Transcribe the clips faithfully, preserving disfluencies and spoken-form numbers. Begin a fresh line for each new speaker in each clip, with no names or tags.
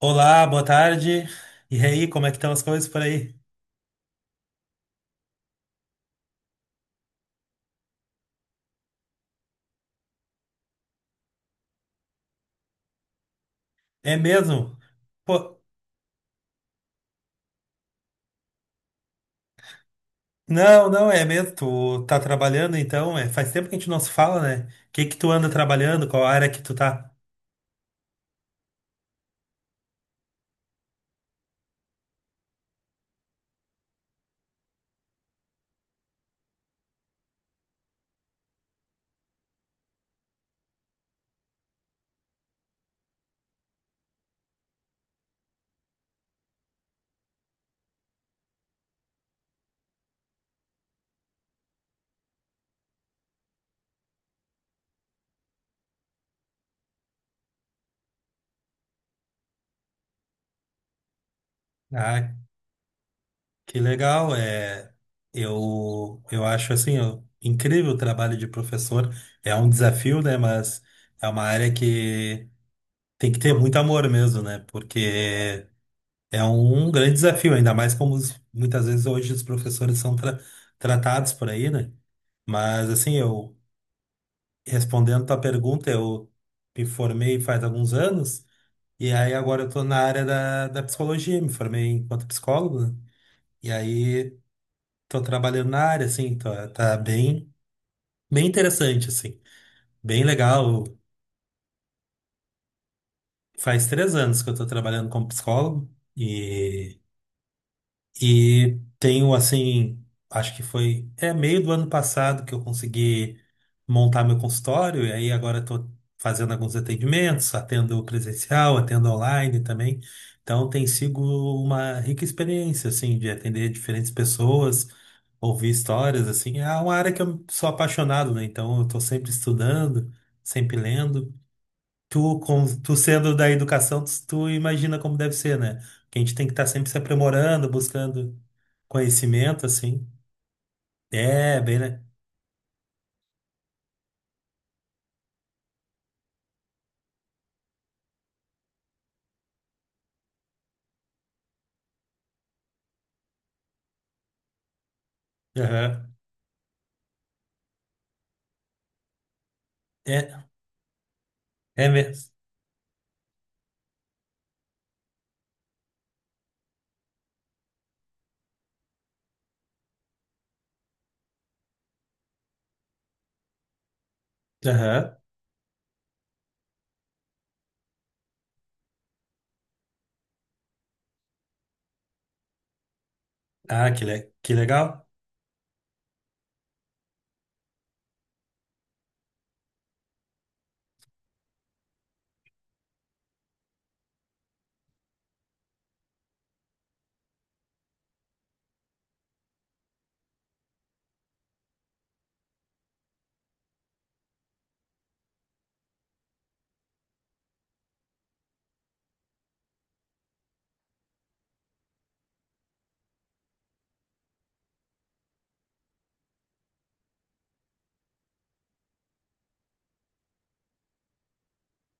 Olá, boa tarde. E aí, como é que estão as coisas por aí? É mesmo? Pô, não, não, é mesmo. Tu tá trabalhando então? É, faz tempo que a gente não se fala, né? O que que tu anda trabalhando? Qual área que tu tá? Ah, que legal. É, eu, eu acho assim, eu- incrível o trabalho de professor. É um desafio, né? Mas é uma área que tem que ter muito amor mesmo, né? Porque é um grande desafio, ainda mais como os- muitas vezes hoje os professores são tra- tratados por aí, né? Mas assim, eu respondendo tua pergunta, eu me formei faz alguns anos, e aí agora eu tô na área da, da psicologia, me formei enquanto psicólogo, né? E aí tô trabalhando na área, assim, tá, tá bem, bem interessante, assim, bem legal. Faz três anos que eu tô trabalhando como psicólogo, e E tenho assim, acho que foi é meio do ano passado que eu consegui montar meu consultório, e aí agora estou fazendo alguns atendimentos, atendo presencial, atendo online também. Então tem sido uma rica experiência assim de atender diferentes pessoas, ouvir histórias assim. É uma área que eu sou apaixonado, né? Então eu estou sempre estudando, sempre lendo. Tu, com, tu sendo da educação, tu, tu imagina como deve ser, né? Que a gente tem que estar sempre se aprimorando, buscando conhecimento, assim. É, bem, né? Aham. É, é mesmo. Aham. Ah, que, le, que legal.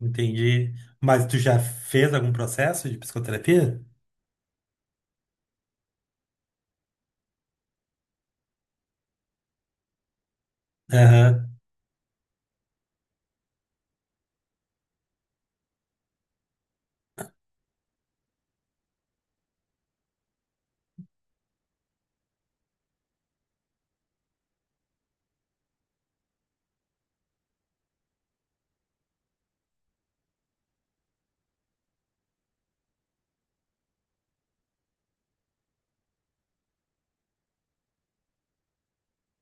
Entendi. Mas tu já fez algum processo de psicoterapia? Aham.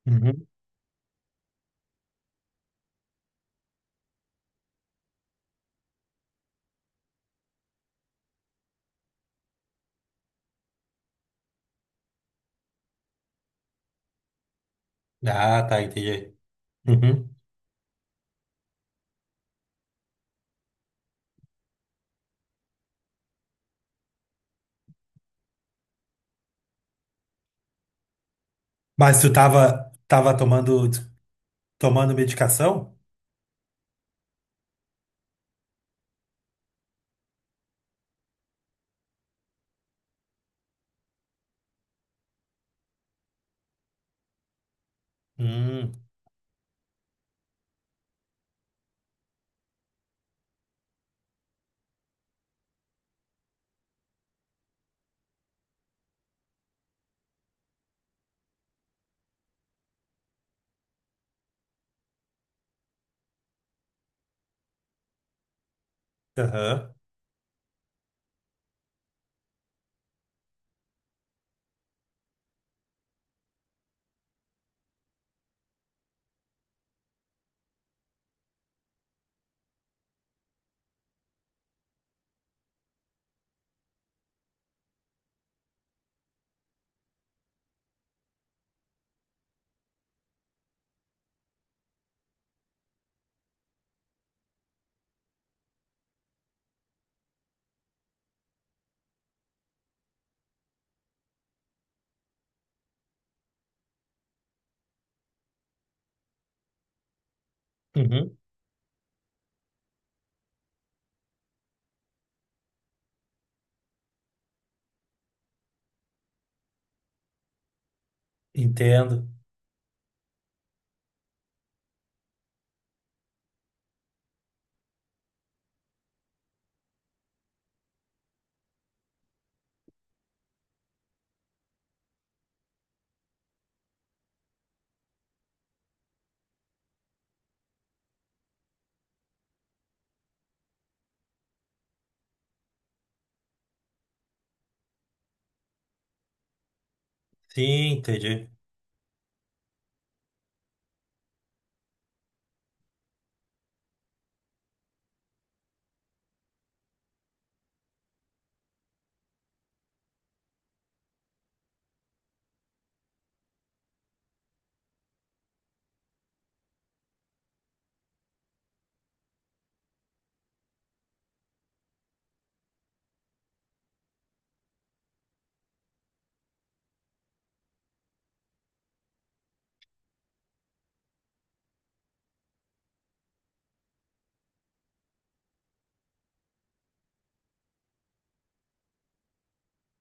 Uhum. Ah, tá, entendi. Uhum. Mas tu tava, tava tomando, tomando medicação? Hum. Aham. Uhum. Entendo. Sim, entendi.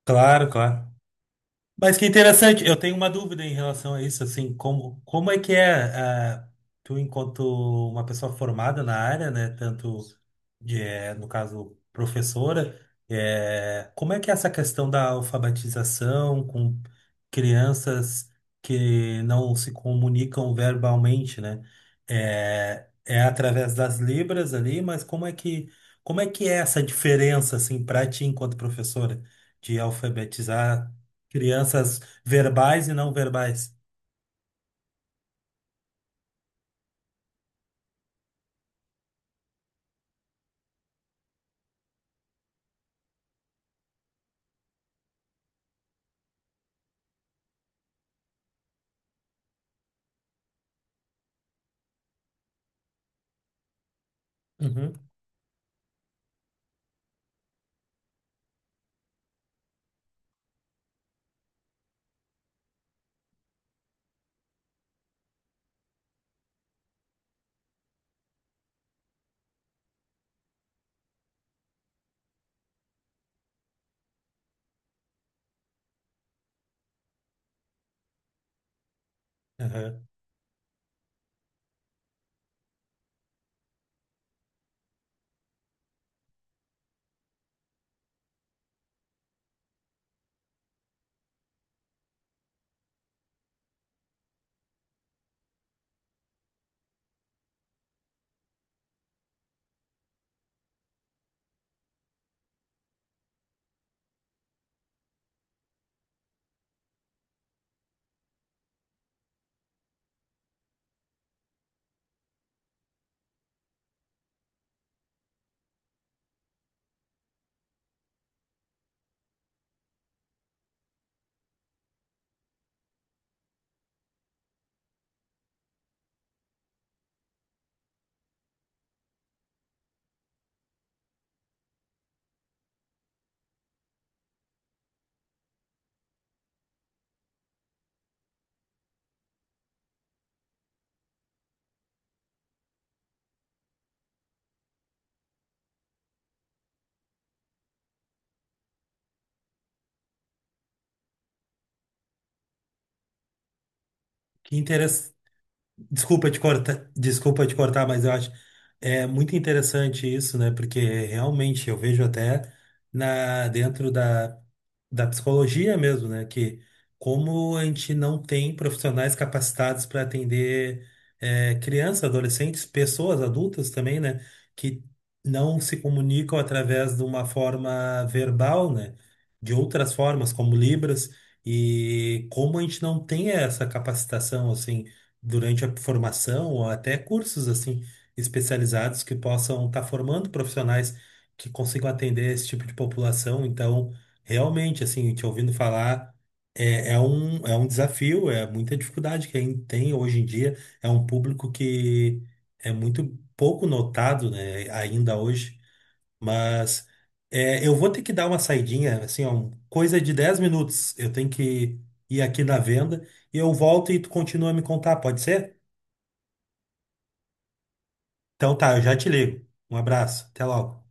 Claro, claro. Mas que interessante, eu tenho uma dúvida em relação a isso, assim, como, como é que é, ah, tu enquanto uma pessoa formada na área, né, tanto de, eh, no caso, professora, eh, como é que é essa questão da alfabetização com crianças que não se comunicam verbalmente, né? É, é através das libras ali, mas como é que, como é que é essa diferença, assim, para ti enquanto professora? De alfabetizar crianças verbais e não verbais. Uhum, aham. Que desculpa te cortar, desculpa te cortar, mas eu acho é muito interessante isso, né? Porque realmente eu vejo até na dentro da, da psicologia mesmo, né? Que como a gente não tem profissionais capacitados para atender é, crianças, adolescentes, pessoas adultas também, né? Que não se comunicam através de uma forma verbal, né? De outras formas, como Libras, e como a gente não tem essa capacitação, assim durante a formação ou até cursos assim especializados que possam estar formando profissionais que consigam atender esse tipo de população. Então, realmente, assim, te ouvindo falar, é, é um, é um desafio, é muita dificuldade que ainda tem hoje em dia. É um público que é muito pouco notado, né, ainda hoje, mas é, eu vou ter que dar uma saidinha, assim, ó, um- coisa de dez minutos. Eu tenho que ir aqui na venda e eu volto e tu continua a me contar, pode ser? Então tá, eu já te ligo. Um abraço, até logo.